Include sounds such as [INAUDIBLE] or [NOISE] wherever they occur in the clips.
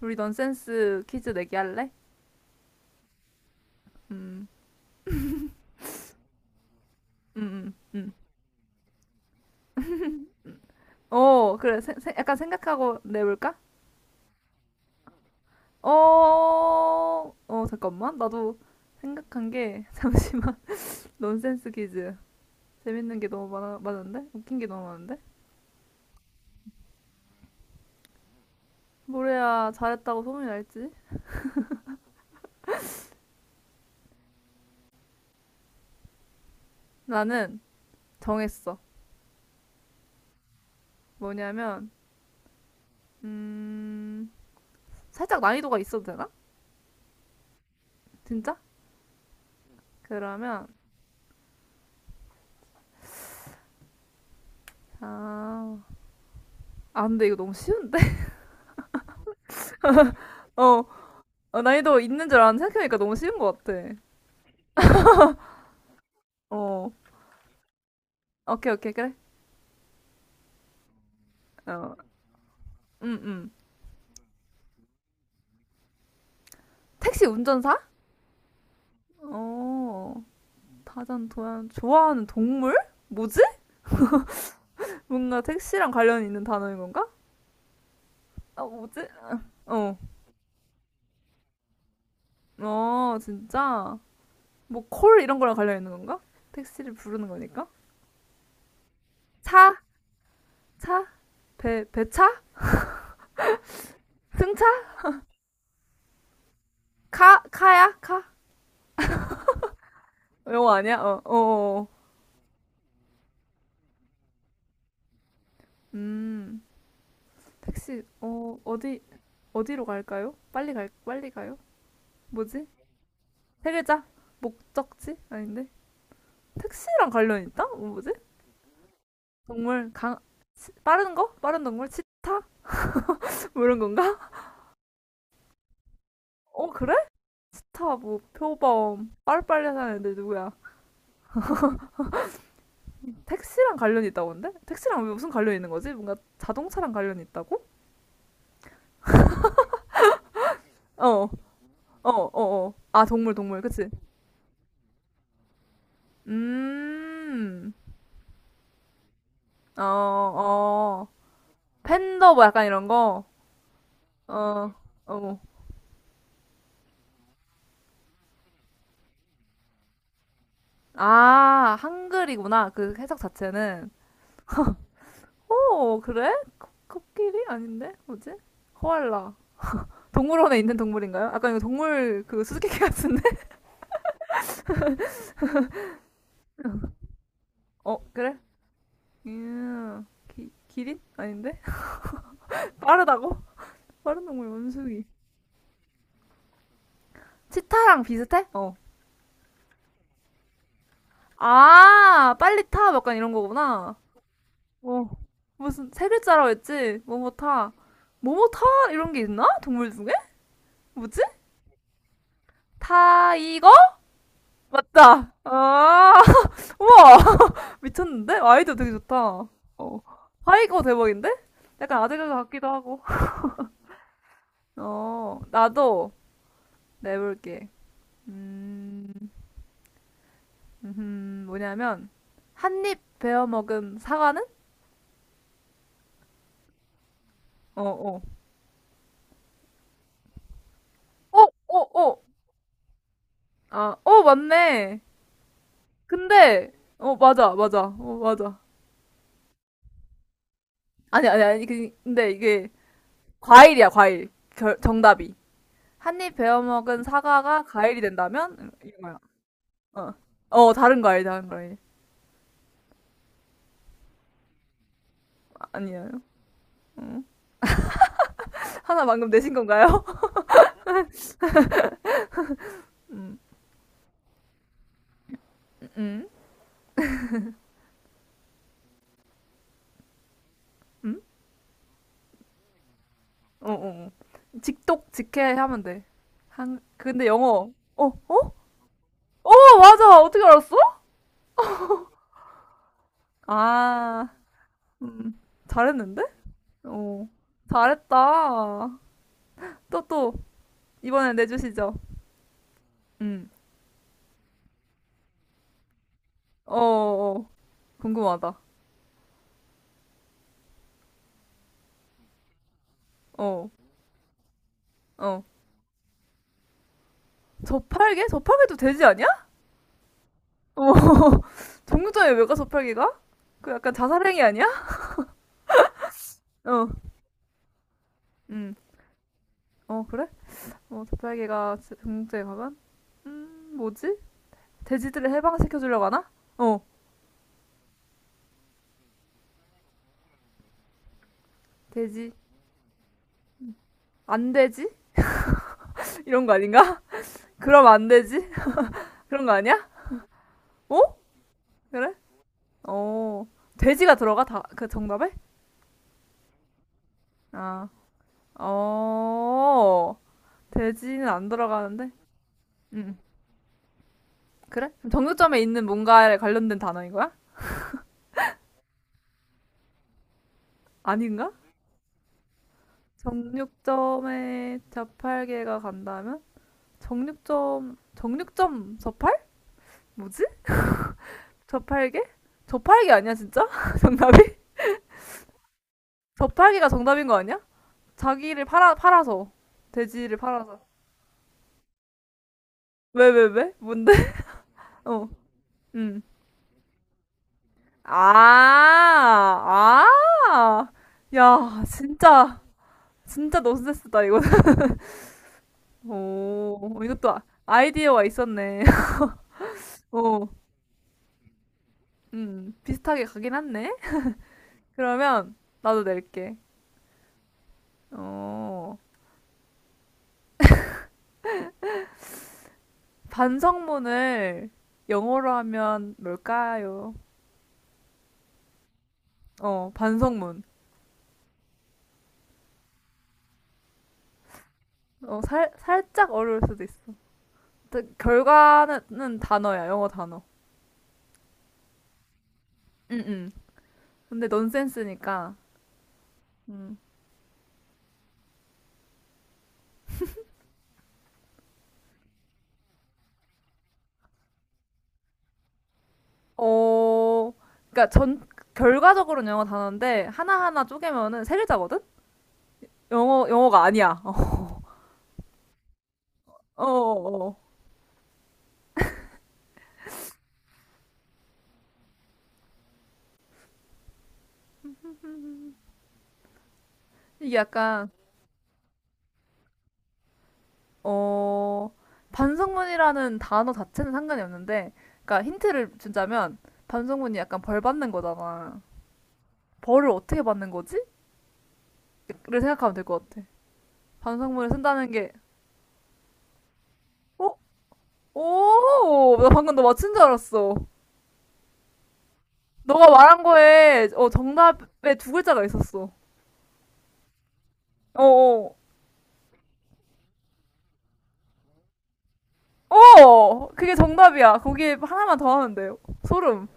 우리 넌센스 퀴즈 내기 할래? 음, 음, 음, 음. 어, 그래. 약간 생각하고 내볼까? 어, 어, 잠깐만. 나도 생각한 게, [LAUGHS] 잠시만. 넌센스 퀴즈. 재밌는 게 너무 많아, 많은데? 웃긴 게 너무 많은데? 뭘 해야 잘했다고 소문이 날지? 나는 정했어. 뭐냐면, 음, 살짝 난이도가 있어도 되나? 진짜? 그러면, 아, 근데 이거 너무 쉬운데? [LAUGHS] 어, 어, 난이도 있는 줄 알았는데 생각해보니까 너무 쉬운 것 같아. 어, 오케이, 오케이, 그래. 어, 음, 음. 택시 운전사? 어, 다전 도연 좋아하는 동물? 뭐지? 뭔가 택시랑 관련 있는 단어인 건가? 아, 뭐지? 어, 어, 진짜. 뭐 콜 이런 거랑 관련 있는 건가? 택시를 부르는 거니까. 차, 차, 배, 배차, 승차, 카, 카야, 카. 영어 아니야? 어, 어, 어. 음. 택시, 어디로 갈까요? 빨리 가요? 뭐지? 세 글자? 목적지? 아닌데? 택시랑 관련 있다? 어, 뭐지? 동물, 강, 빠른 거? 빠른 동물? 치타? [LAUGHS] 뭐 이런 건가? 어, 그래? 치타, 뭐, 표범, 빠르빨리 하는 애들 누구야? 택시랑 관련이 있다고 근데? 택시랑 왜 무슨 관련이 있는 거지? 뭔가 자동차랑 관련이 있다고? 어, 어, 어, 어. 아, 동물, 동물, 그치? 음, 어, 어. 팬더 뭐 약간 이런 거? 어, 어. 아, 한글이구나. 그 해석 자체는. 오, 그래? 코끼리? 아닌데? 뭐지? 코알라. 동물원에 있는 동물인가요? 아까 이거 동물 그 수수께끼 같은데? [LAUGHS] 어, 그래? 기린? 아닌데? [LAUGHS] 빠르다고? 빠른 동물 원숭이. 치타랑 비슷해? 어. 아, 빨리 타. 뭐 약간 이런 거구나. 어. 무슨 세 글자라고 했지? 뭐뭐 타. 뭐뭐 타? 이런 게 있나? 동물 중에? 뭐지? 타이거? 맞다. 아, 우와. 미쳤는데? 아이디어 되게 좋다. 어. 하이거 대박인데? 약간 아재가 같기도 하고. 어, 나도 내볼게. 음, 뭐냐면, 한입 베어 먹은 사과는? 어, 어. 어, 어, 어. 아, 어, 맞네. 근데, 어, 맞아, 맞아. 어, 맞아. 아니, 아니, 아니. 근데 이게 과일이야, 과일. 정답이. 한입 베어 먹은 사과가 과일이 된다면? 이거야. 어. 어, 다른 거 아니, 다른 거 아니. 아, 아니에요. 음. 하나 방금 내신 건가요? [LAUGHS] 음. 음? 어, 어. 어. 직독, 직해 하면 돼. 근데 영어. 어, 어? 어, 맞아. 어떻게 알았어? 아, 음. 잘했는데? 어. 잘했다. 또, 또. 이번에 내주시죠. 음. 어, 어. 어. 궁금하다. 어, 어. 저팔계? 저팔계도 돼지 아니야? 어. [LAUGHS] 정육점에 왜 가, 저팔계가? 그 약간 자살행위 아니야? 어, 음. 어, 그래? 어, 접팔개가정 중국제에 가면? 뭐지? 돼지들을 해방시켜주려고 하나? 어, 돼지. 안돼지 [LAUGHS] 이런 거 아닌가? [LAUGHS] 그럼 안돼지 [LAUGHS] 그런 거 아니야? 어? 그래? 어, 돼지가 들어가? 다, 그 정답에? 아, 어, 돼지는 안 들어가는데? 음, 그래? 그럼 정육점에 있는 뭔가에 관련된 단어인 거야? 아닌가? 정육점에 자팔개가 간다면? 정육점, 정육점 저팔? 뭐지? 저팔계? 저팔계 아니야 진짜? [LAUGHS] 정답이? [LAUGHS] 저팔계가 정답인 거 아니야? 자기를 팔아서 돼지를 팔아서 왜 왜 왜? 뭔데? [LAUGHS] 어, 음. 아, 아, 야, 진짜 진짜 논센스다 이거. 는 [LAUGHS] 오, 이것도 아이디어가 있었네. [LAUGHS] 오. 비슷하게 가긴 했네. 그러면 나도 낼게. 어, 반성문을 영어로 하면 뭘까요? 어, 반성문. 어, 살짝 어려울 수도 있어. 근데 결과는 단어야, 영어 단어. 응, 응. 근데 넌센스니까. 음. 어, 그러니까 전, 결과적으로는 영어 단어인데, 하나하나 쪼개면은 세 글자거든? 영어가 아니야. [LAUGHS] 어, 어, 어. 이게 약간, 어, 반성문이라는 단어 자체는 상관이 없는데, 그러니까 힌트를 준다면, 반성문이 약간 벌 받는 거잖아. 벌을 어떻게 받는 거지? 를 생각하면 될 것 같아. 반성문을 쓴다는 게 어? 오! 나 방금 너 맞힌 줄 알았어. 너가 말한 거에 정답에 두 글자가 있었어. 어어. 어! 어! 그게 정답이야. 거기에 하나만 더 하면 돼요. 소름.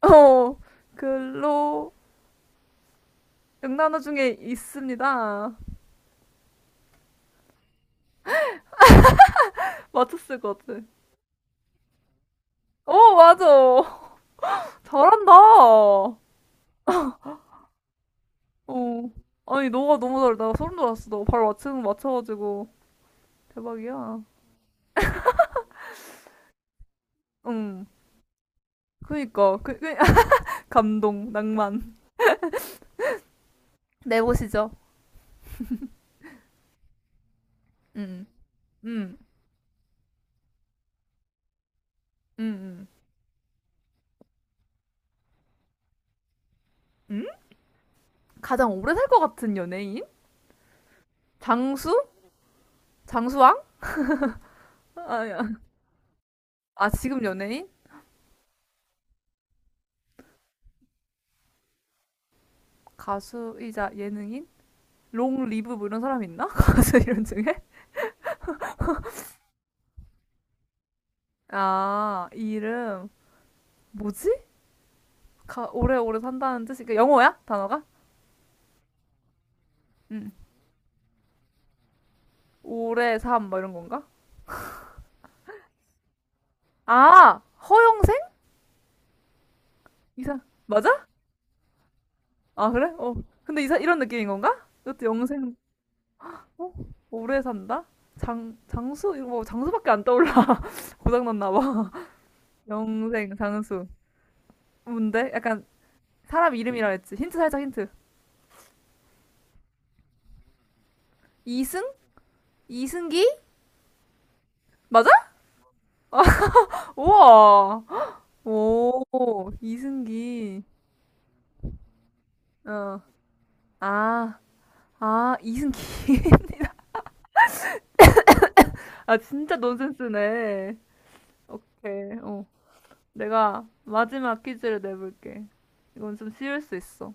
어. 글로 영단어 중에 있습니다. 맞췄을 것 같아. 어, 맞아. 잘한다. 어. 아니, 너가 너무 잘해. 나 소름 돋았어. 너 바로 맞추는 거 맞춰가지고. 대박이야. 응. 그니까. [LAUGHS] 감동, 낭만. 내보시죠. 음, 음, 음, 음, 음? 가장 오래 살 것 같은 연예인? 장수? 장수왕? 아, 아니야. 아, 지금 연예인? 가수이자 예능인? 롱 리브 뭐 이런 사람 있나? [LAUGHS] 가수 이름 중에? 아, 이름 뭐지? 오래오래 산다는 뜻이 그니까 영어야? 단어가? 응. 오래 삶 뭐 이런 건가? 아, 허영생? 이사 맞아? 아, 그래? 어. 근데 이사 이런 느낌인 건가? 이것도 영생 어? 오래 산다? 장수? 이거 뭐 장수밖에 안 떠올라. [LAUGHS] 고장났나 봐. [LAUGHS] 영생, 장수. 뭔데? 약간 사람 이름이라 했지. 힌트 살짝 힌트. 이승? 이승기? 맞아? 우와. 오, 이승기. 어. 아, 이승기. 아, 진짜 논센스네. 오케이. 어. 내가 마지막 퀴즈를 내볼게. 이건 좀 쉬울 수 있어.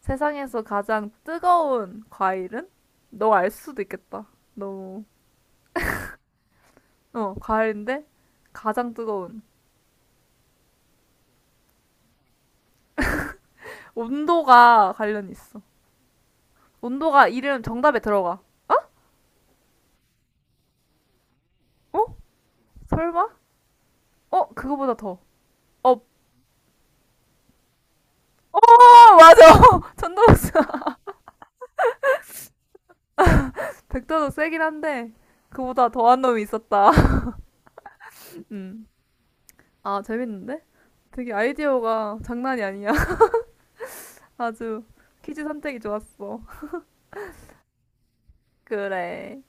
세상에서 가장 뜨거운 과일은? 너 알 수도 있겠다. 너무. 어, 과일인데 가장 뜨거운. 온도가 관련이 있어. 온도가 이름 정답에 들어가. 어? 설마? 어, 그거보다 더. 어, 어, 맞아. [LAUGHS] 전동사. [LAUGHS] 백도도 세긴 한데 그보다 더한 놈이 있었다. [LAUGHS] 음. 아, 재밌는데? 되게 아이디어가 장난이 아니야. [LAUGHS] 아주 퀴즈 선택이 좋았어. [LAUGHS] 그래.